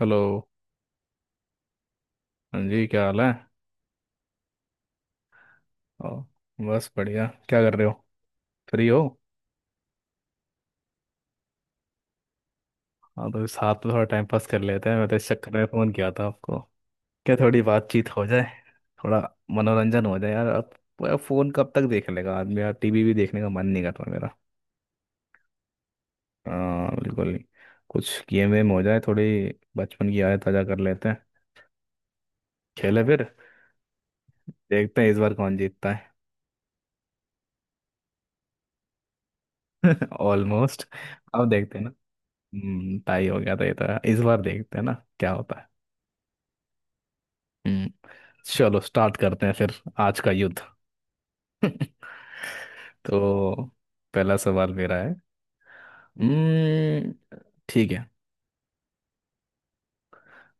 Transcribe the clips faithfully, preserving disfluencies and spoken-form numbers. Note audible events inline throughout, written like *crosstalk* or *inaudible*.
Hello. हाँ जी, क्या हाल है? और बस बढ़िया, क्या कर रहे हो? फ्री हो? हाँ तो साथ में थोड़ा टाइम पास कर लेते हैं। मैं तो इस चक्कर में फ़ोन किया था आपको। क्या थोड़ी बातचीत हो जाए? थोड़ा मनोरंजन हो जाए यार अब। अब फ़ोन कब तक देख लेगा आदमी यार, टीवी भी देखने का मन नहीं करता मेरा। हाँ बिल्कुल। नहीं कुछ गेम वेम हो जाए थोड़ी, बचपन की यादें ताज़ा कर लेते हैं। खेले फिर। देखते हैं इस बार कौन जीतता है। *laughs* ऑलमोस्ट। अब देखते हैं ना। हम्म, टाई हो गया था ये तो। इस बार देखते हैं ना क्या होता है। हम्म। चलो स्टार्ट करते हैं फिर, आज का युद्ध। *laughs* तो पहला सवाल मेरा है। हम्म, ठीक है।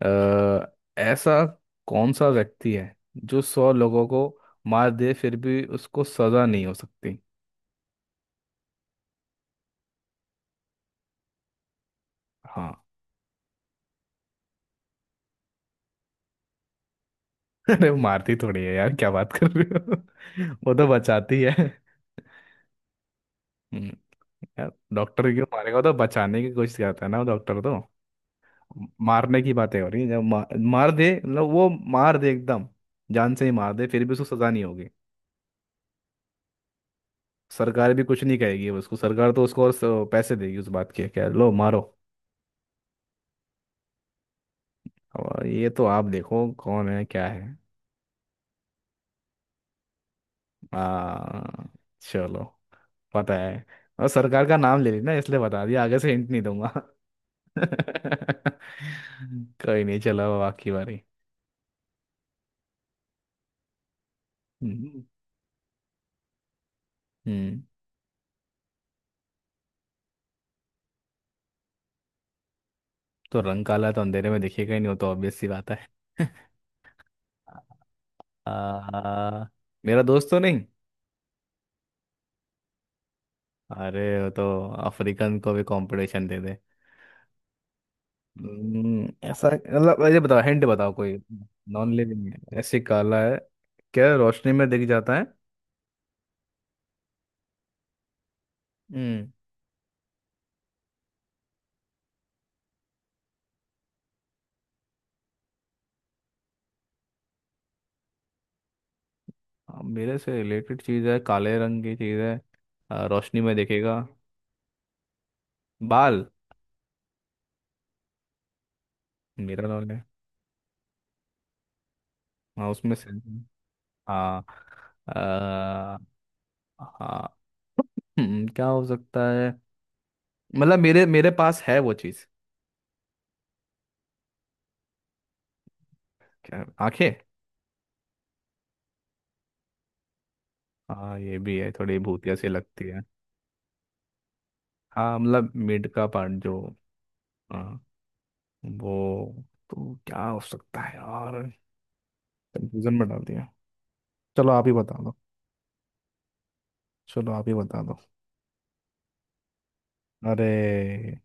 अ, ऐसा कौन सा व्यक्ति है जो सौ लोगों को मार दे फिर भी उसको सजा नहीं हो सकती? हाँ। *laughs* अरे मारती थोड़ी है यार, क्या बात कर रही हो। *laughs* वो तो बचाती है। *laughs* हम्म, यार डॉक्टर क्यों मारेगा, वो तो बचाने की कोशिश करता है ना, वो डॉक्टर तो। मारने की बातें हो रही है जब मा, मार दे, मतलब वो मार दे एकदम, जान से ही मार दे फिर भी उसको सजा नहीं होगी। सरकार भी कुछ नहीं कहेगी उसको, सरकार तो उसको और स- पैसे देगी उस बात के, क्या लो मारो। और ये तो आप देखो कौन है क्या है। आ, चलो पता है। और सरकार का नाम ले लेना इसलिए बता दिया, आगे से हिंट नहीं दूंगा। *laughs* कोई नहीं चलो बाकी बारी। हम्म, हम्म। तो रंग काला है तो अंधेरे में दिखेगा ही नहीं, वो तो ऑब्वियस सी बात है। आ, मेरा दोस्त तो नहीं। अरे वो तो अफ्रीकन को भी कंपटीशन दे दे। हम्म, ऐसा मतलब ये बताओ, हिंट बताओ कोई। नॉन लिविंग है, ऐसे काला है? क्या रोशनी में दिख जाता है? हम्म। अब मेरे से रिलेटेड चीज है, काले रंग की चीज है। आ, रोशनी में दिखेगा। बाल, मेरा नॉन है। हाँ उसमें से। हाँ। आ, हाँ। हम्म, क्या हो सकता है, मतलब मेरे मेरे पास है वो चीज। क्या आंखें? हाँ ये भी है, थोड़ी भूतिया सी लगती है। हाँ मतलब मिड का पार्ट जो। हाँ, वो। तो क्या हो सकता है यार, कंफ्यूजन में डाल दिया। चलो आप ही बता दो। चलो आप ही बता दो। अरे!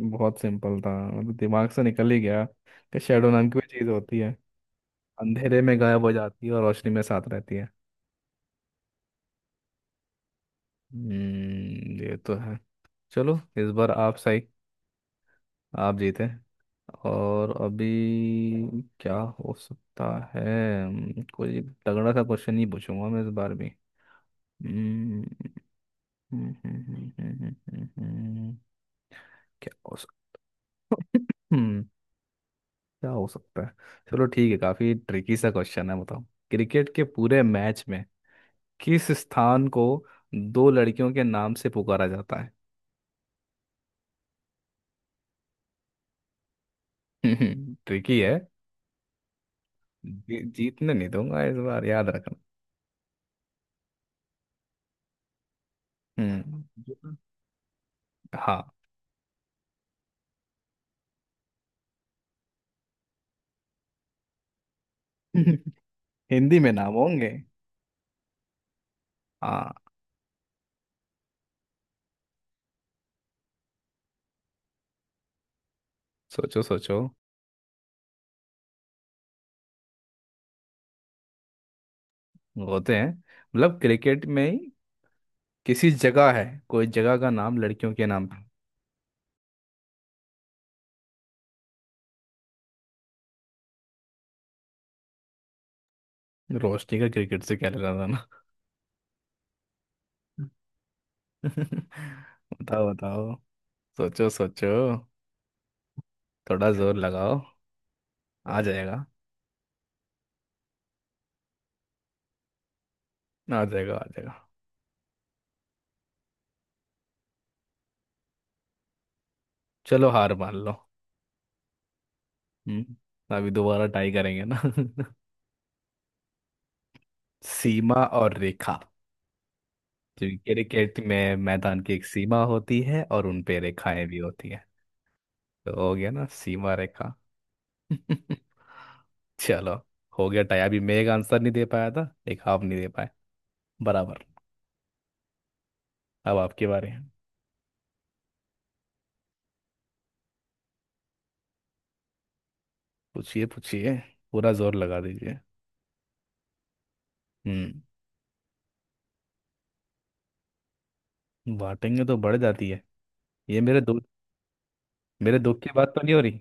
बहुत सिंपल था, मतलब दिमाग से निकल ही गया कि शेडो नाम की कोई चीज़ होती है, अंधेरे में गायब हो जाती है और रोशनी में साथ रहती है। हम्म ये तो है। चलो इस बार आप सही, आप जीते। और अभी क्या हो सकता है? हम्म, कोई तगड़ा सा क्वेश्चन ही पूछूंगा मैं इस बार भी। हम्म, हम्म, हम्म, हम्म, हम्म, हम्म, हम्म, हम्म, क्या हो सकता? *laughs* हम्म, क्या हो सकता है? चलो ठीक है, काफी ट्रिकी सा क्वेश्चन है बताओ। क्रिकेट के पूरे मैच में किस स्थान को दो लड़कियों के नाम से पुकारा जाता है? *laughs* ट्रिकी है। जी- जीतने नहीं दूंगा इस बार, याद रखना। हम्म। जी- हाँ। *laughs* हिंदी में नाम होंगे। हाँ सोचो सोचो। होते हैं, मतलब क्रिकेट में ही किसी जगह है, कोई जगह का नाम लड़कियों के नाम पे। रोशनी का क्रिकेट से क्या लेना था ना। *laughs* बताओ बताओ। सोचो सोचो। थोड़ा जोर लगाओ, आ जाएगा। आ जाएगा आ जाएगा। चलो हार मान लो। हम्म। अभी दोबारा ट्राई करेंगे ना। *laughs* सीमा और रेखा। तो क्रिकेट में मैदान की एक सीमा होती है और उन पे रेखाएं भी होती है, तो हो गया ना सीमा रेखा। *laughs* चलो हो गया टाई। अभी मैं एक आंसर नहीं दे पाया था, एक आप नहीं दे पाए, बराबर। अब आपके बारे हैं। पूछिए पूछिए। पूरा जोर लगा दीजिए। हम्म। बांटेंगे तो बढ़ जाती है? ये मेरे दो, मेरे दुख की बात तो नहीं हो रही?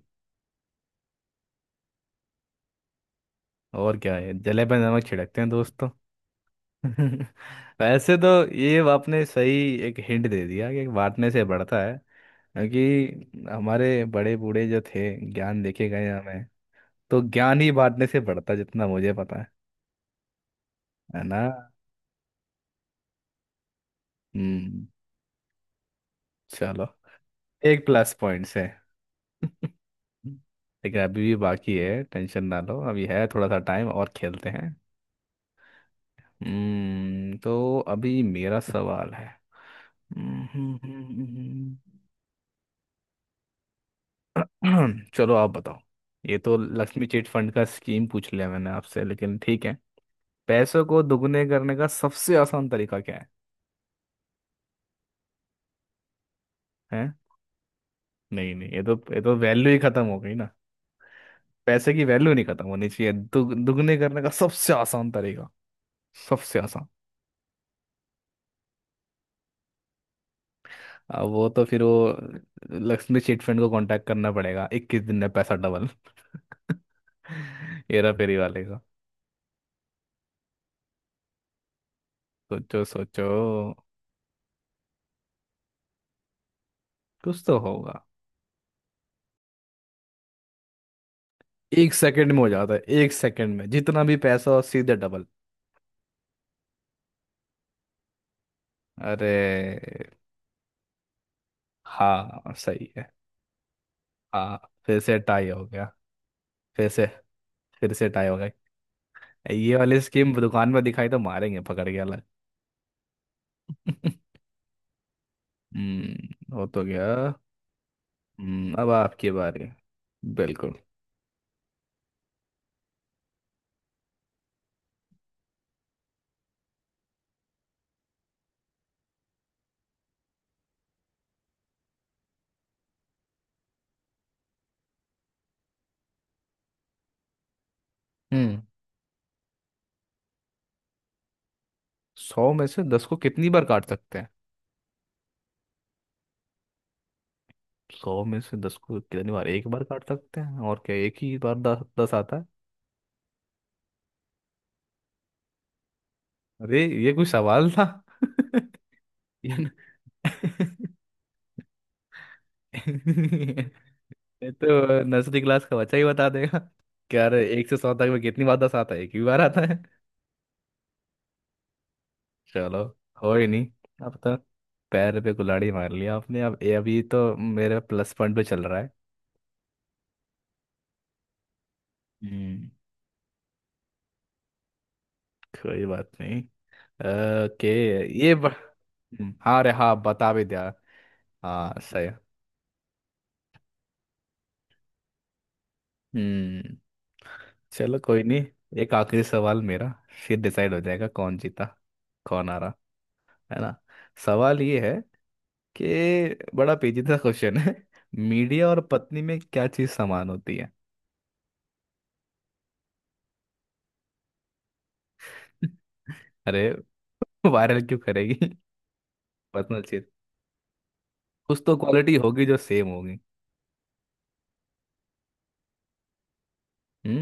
और क्या है, जले पे नमक छिड़कते हैं दोस्तों। *laughs* वैसे तो ये आपने सही एक हिंट दे दिया कि बांटने से बढ़ता है। क्योंकि हमारे बड़े बूढ़े जो थे, ज्ञान देखे गए हैं हमें, तो ज्ञान ही बांटने से बढ़ता जितना मुझे पता है। है ना। हम्म। चलो, एक प्लस पॉइंट से। *laughs* लेकिन अभी भी बाकी है, टेंशन ना लो, अभी है थोड़ा सा टाइम और खेलते हैं। हम्म तो अभी मेरा सवाल है। हम्म, हम्म, हम्म, हम्म। *clears throat* चलो आप बताओ। ये तो लक्ष्मी चिट फंड का स्कीम पूछ लिया मैंने आपसे, लेकिन ठीक है। पैसों को दुगने करने का सबसे आसान तरीका क्या है? हैं? नहीं नहीं, ये तो ये तो वैल्यू ही खत्म हो गई ना। पैसे की वैल्यू नहीं खत्म होनी चाहिए, दुग, दुगने करने का सबसे आसान तरीका, सबसे आसान। अब वो तो फिर वो लक्ष्मी चिट फंड को कांटेक्ट करना पड़ेगा, इक्कीस दिन में पैसा डबल। *laughs* हेरा फेरी वाले का। सोचो सोचो। कुछ तो होगा। एक सेकंड में हो जाता है, एक सेकंड में जितना भी पैसा हो सीधे डबल। अरे हाँ सही है। हाँ फिर से टाई हो गया। फिर से फिर से टाई हो गया। ये वाली स्कीम दुकान में दिखाई तो मारेंगे पकड़ के अलग। *laughs* हम्म, हो तो गया। हम्म, अब आपकी बारी। बिल्कुल। हम्म। सौ में से दस को कितनी बार काट सकते हैं? सौ में से दस को कितनी बार? एक बार काट सकते हैं और क्या, एक ही बार दस दस आता है। अरे ये कोई सवाल था? *laughs* ये न- *laughs* ये तो नर्सरी क्लास का बच्चा ही बता देगा। क्या रे, एक से सौ तक में कितनी बार दस आता है? एक ही बार आता है। चलो। हो ही नहीं। अब तो पैर पे कुल्हाड़ी मार लिया आपने, अब ये अभी तो मेरा प्लस पॉइंट पे चल रहा। हम्म। कोई बात नहीं। ओके। ये ब... हम्म, हाँ रे हाँ, बता भी दिया। हाँ सही। हम्म चलो कोई नहीं। एक आखिरी सवाल मेरा, फिर डिसाइड हो जाएगा कौन जीता, कौन आ रहा है ना। सवाल ये है कि, बड़ा पेचीदा क्वेश्चन है। *laughs* मीडिया और पत्नी में क्या चीज समान होती है? *laughs* अरे वायरल क्यों करेगी? *laughs* पर्सनल चीज। कुछ तो क्वालिटी होगी जो सेम होगी। हम्म।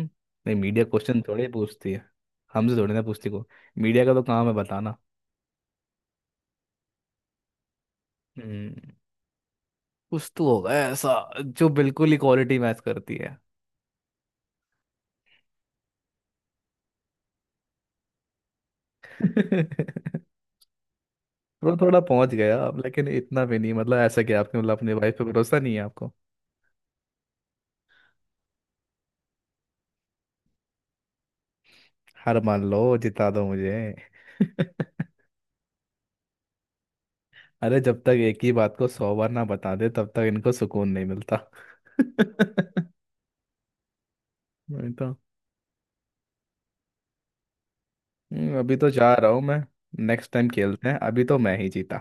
नहीं मीडिया क्वेश्चन थोड़े पूछती है, हमसे थोड़ी ना पूछती को। मीडिया का तो काम है बताना। हम्म। कुछ तो होगा ऐसा जो बिल्कुल इक्वालिटी मैच करती है। *laughs* थोड़ा थोड़ा पहुंच गया अब, लेकिन इतना भी नहीं मतलब, ऐसा कि आपने मतलब अपने वाइफ पे भरोसा नहीं है आपको? हार मान लो, जिता दो मुझे। *laughs* अरे जब तक एक ही बात को सौ बार ना बता दे तब तक इनको सुकून नहीं मिलता। *laughs* नहीं। तो हम्म, अभी तो जा रहा हूँ मैं। नेक्स्ट टाइम खेलते हैं, अभी तो मैं ही जीता।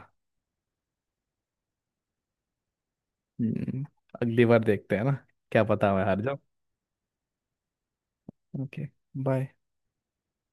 हम्म, अगली बार देखते हैं ना, क्या पता मैं हार जाऊं। ओके। बाय।